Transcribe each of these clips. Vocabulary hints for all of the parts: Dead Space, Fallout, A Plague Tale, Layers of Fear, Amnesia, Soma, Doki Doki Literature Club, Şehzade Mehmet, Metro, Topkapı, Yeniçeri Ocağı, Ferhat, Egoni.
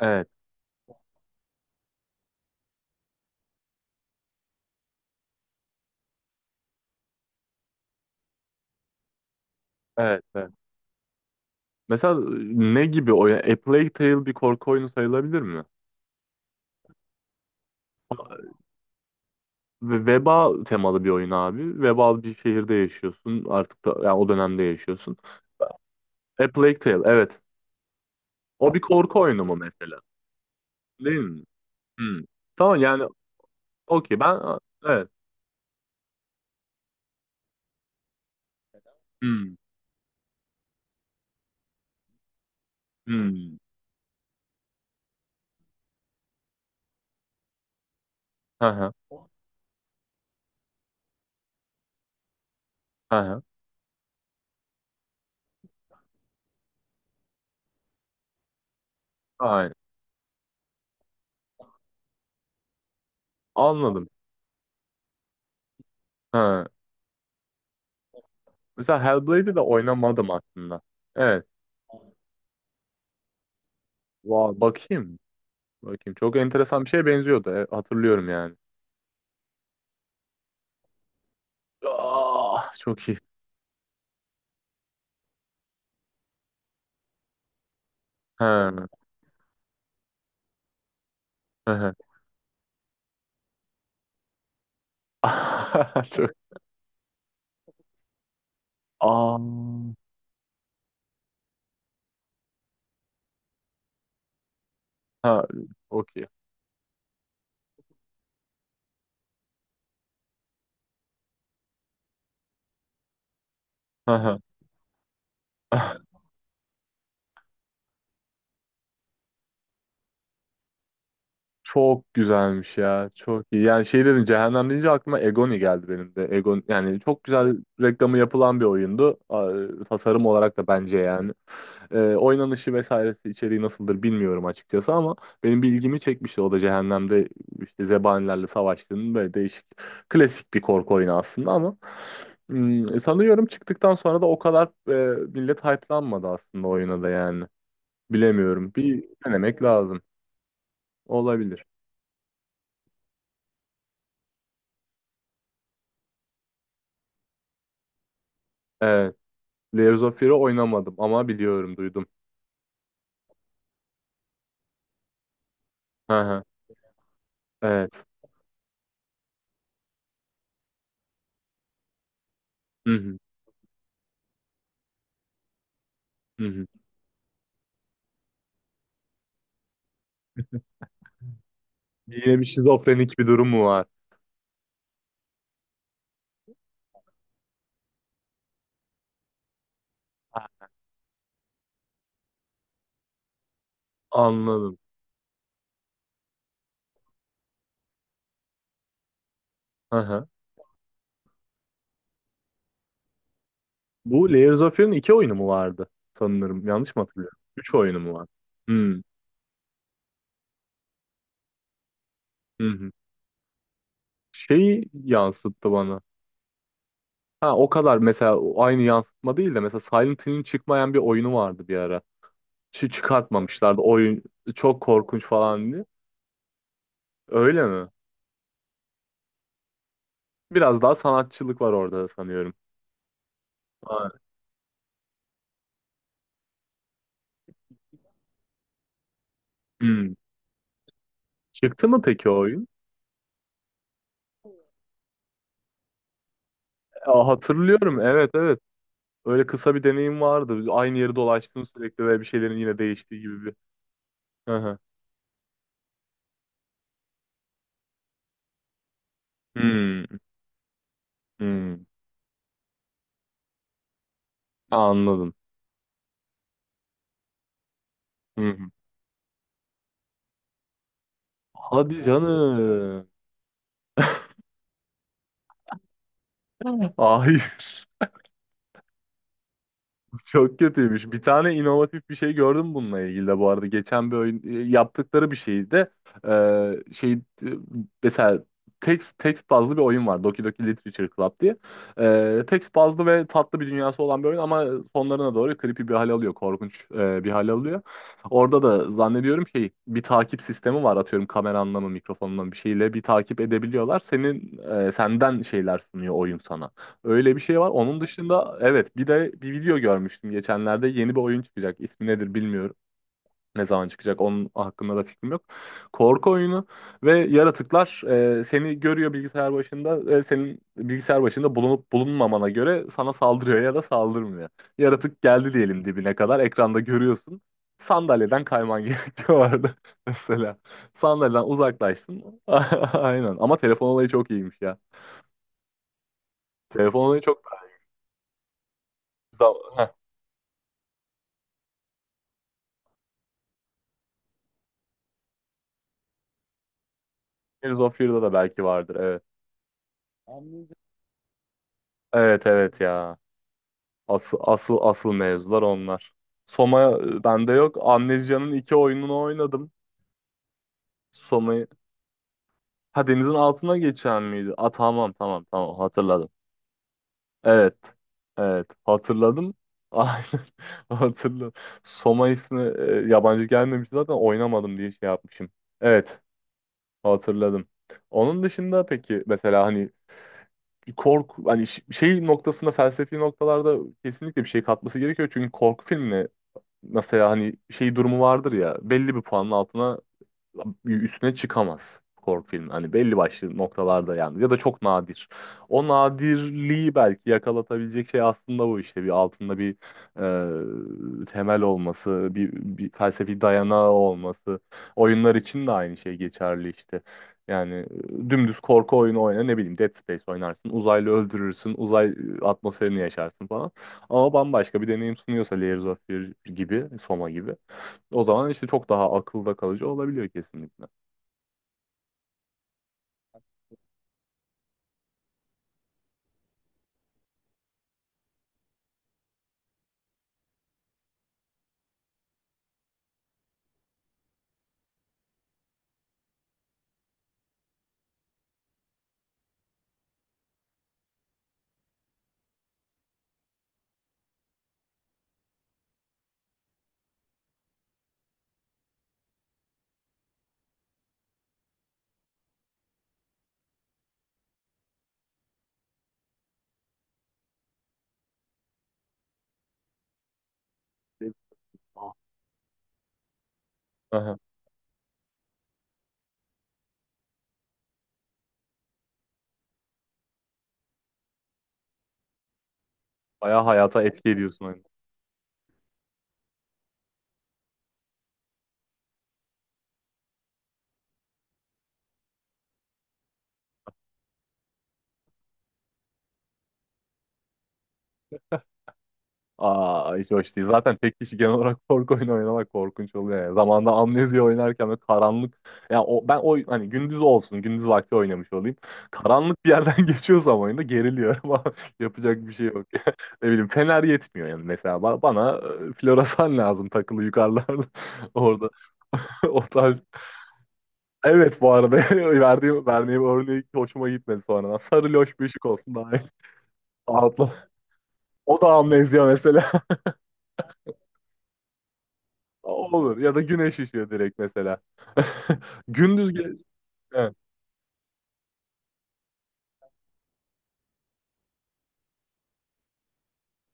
Evet, evet, evet. Mesela ne gibi oyun? A Plague Tale bir korku oyunu sayılabilir mi? Ve veba temalı bir oyun abi. Vebal bir şehirde yaşıyorsun. Artık da yani o dönemde yaşıyorsun. A Plague Tale, evet. O bir korku oyunu mu mesela? Değil mi? Hmm. Tamam yani okey ben evet. Hmm. Hmm. Hı hı. Hı hı. Aynen. Anladım. Ha. Mesela Hellblade'i de oynamadım aslında. Evet. Vay, bakayım. Bakayım. Çok enteresan bir şeye benziyordu. E, hatırlıyorum yani. Ah, çok iyi. Ha, hı hı. Çok. Aa, ha, okey. Hı hı. Çok güzelmiş ya. Çok iyi. Yani şey dedim cehennem deyince aklıma Egoni geldi benim de. Egon yani çok güzel reklamı yapılan bir oyundu. Aa, tasarım olarak da bence yani. Oynanışı vesairesi içeriği nasıldır bilmiyorum açıkçası ama benim bir ilgimi çekmişti. O da cehennemde işte zebanilerle savaştığının böyle değişik klasik bir korku oyunu aslında ama sanıyorum çıktıktan sonra da o kadar millet hype'lanmadı aslında oyuna da yani. Bilemiyorum. Bir denemek lazım. Olabilir. Evet. Layers of Fear'ı oynamadım ama biliyorum, duydum. Hı hı. Evet. Hı hı. Hı hı. Yine bir şizofrenik bir durum mu var? Ha, anladım. Hı hı. Bu Layers of Fear'ın iki oyunu mu vardı? Sanırım. Yanlış mı hatırlıyorum? Üç oyunu mu var? Hı. Hı hı. Şeyi yansıttı bana. Ha, o kadar mesela o aynı yansıtma değil de mesela Silent Hill'in çıkmayan bir oyunu vardı bir ara. Şu çıkartmamışlardı. Oyun çok korkunç falan diye. Öyle mi? Biraz daha sanatçılık var orada sanıyorum. Aynen. Çıktı mı peki o oyun? Aa, hatırlıyorum. Evet, evet. Öyle kısa bir deneyim vardı. Aynı yeri dolaştın sürekli ve bir şeylerin yine değiştiği gibi bir. Hı hı. Hmm, hmm. Anladım. Hı hı. Hadi canım. Hayır. Çok kötüymüş. Bir tane inovatif bir şey gördüm bununla ilgili de bu arada. Geçen bir oyun yaptıkları bir şeydi. Şey, mesela text bazlı bir oyun var. Doki Doki Literature Club diye. Text bazlı ve tatlı bir dünyası olan bir oyun ama sonlarına doğru creepy bir hal alıyor. Korkunç, bir hal alıyor. Orada da zannediyorum şey bir takip sistemi var. Atıyorum kameranla mı mikrofonla mı bir şeyle bir takip edebiliyorlar. Senden şeyler sunuyor oyun sana. Öyle bir şey var. Onun dışında evet bir de bir video görmüştüm geçenlerde. Yeni bir oyun çıkacak. İsmi nedir bilmiyorum. Ne zaman çıkacak onun hakkında da fikrim yok. Korku oyunu ve yaratıklar seni görüyor bilgisayar başında. Senin bilgisayar başında bulunup bulunmamana göre sana saldırıyor ya da saldırmıyor. Yaratık geldi diyelim dibine kadar. Ekranda görüyorsun. Sandalyeden kayman gerekiyor orada mesela. Sandalyeden uzaklaştın. Aynen. Ama telefon olayı çok iyiymiş ya. Telefon olayı çok... Tears of Fear'da da belki vardır. Evet. Amnesia. Evet, evet ya. Asıl, asıl, asıl mevzular onlar. Soma, bende yok. Amnesia'nın iki oyununu oynadım. Soma'yı. Ha, denizin altına geçen miydi? Aa, tamam, tamam, tamam, hatırladım. Evet. Evet, hatırladım. Aynen, hatırladım. Soma ismi yabancı gelmemiş zaten oynamadım diye şey yapmışım. Evet, hatırladım. Onun dışında peki mesela hani korku hani şey noktasında, felsefi noktalarda kesinlikle bir şey katması gerekiyor. Çünkü korku filmi mesela hani şey durumu vardır ya, belli bir puanın altına üstüne çıkamaz korku filmi. Hani belli başlı noktalarda yani, ya da çok nadir. O nadirliği belki yakalatabilecek şey aslında bu işte, bir altında bir temel olması, bir, felsefi dayanağı olması. Oyunlar için de aynı şey geçerli işte. Yani dümdüz korku oyunu oyna, ne bileyim Dead Space oynarsın, uzaylı öldürürsün, uzay atmosferini yaşarsın falan. Ama bambaşka bir deneyim sunuyorsa Layers of Fear gibi, Soma gibi. O zaman işte çok daha akılda kalıcı olabiliyor kesinlikle. Değil mi? Aa. Aha. Bayağı hayata etki ediyorsun oyunu. Aa, hiç hoş değil. Zaten tek kişi genel olarak korku oyunu oynamak korkunç oluyor yani. Zamanında Amnesia oynarken böyle karanlık. Ya, o, ben o hani gündüz olsun, gündüz vakti oynamış olayım. Karanlık bir yerden geçiyorsam oyunda geriliyorum ama yapacak bir şey yok. Ne bileyim fener yetmiyor yani mesela. Bana floresan lazım takılı yukarılarda. Orada o tarz. Evet, bu arada verdiğim örneği hoşuma gitmedi sonradan. Sarı loş bir ışık olsun daha iyi. Altın. O da amnezya mesela. Olur. Ya da güneş ışığı direkt mesela. Gündüz ge- evet,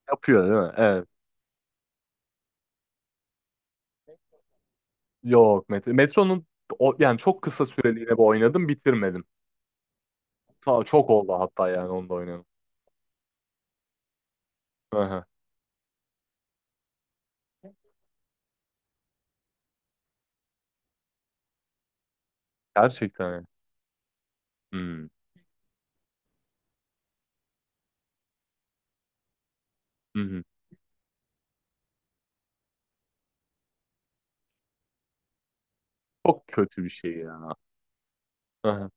yapıyor değil mi? Evet. Yok, metro. Metronun o, yani çok kısa süreliğine bir oynadım, bitirmedim. Çok oldu hatta, yani onu da oynadım. Aha. Gerçekten yani. Hmm. Hı hı. Çok kötü bir şey ya. Aha.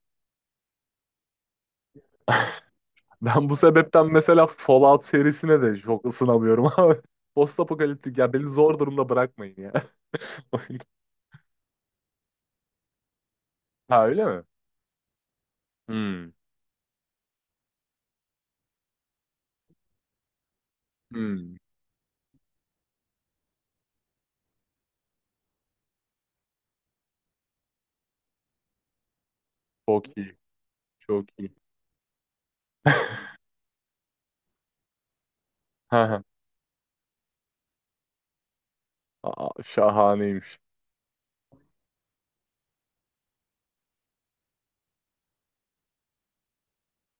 Ben bu sebepten mesela Fallout serisine de çok ısınamıyorum abi. Postapokaliptik ya, beni zor durumda bırakmayın ya. Ha, öyle mi? Hmm. Hmm. Çok iyi. Çok iyi. Ha, ha. Aa, şahaneymiş.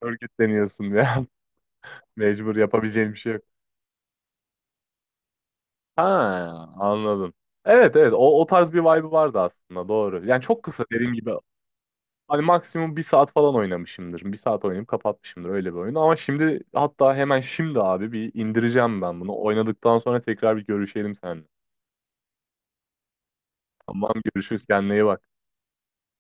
Örgütleniyorsun ya. Mecbur, yapabileceğin bir şey yok. Ha, anladım. Evet, evet, o tarz bir vibe vardı aslında, doğru. Yani çok kısa dediğin gibi hani maksimum 1 saat falan oynamışımdır. 1 saat oynayıp kapatmışımdır öyle bir oyun. Ama şimdi, hatta hemen şimdi abi bir indireceğim ben bunu. Oynadıktan sonra tekrar bir görüşelim seninle. Tamam, görüşürüz, kendine iyi bak.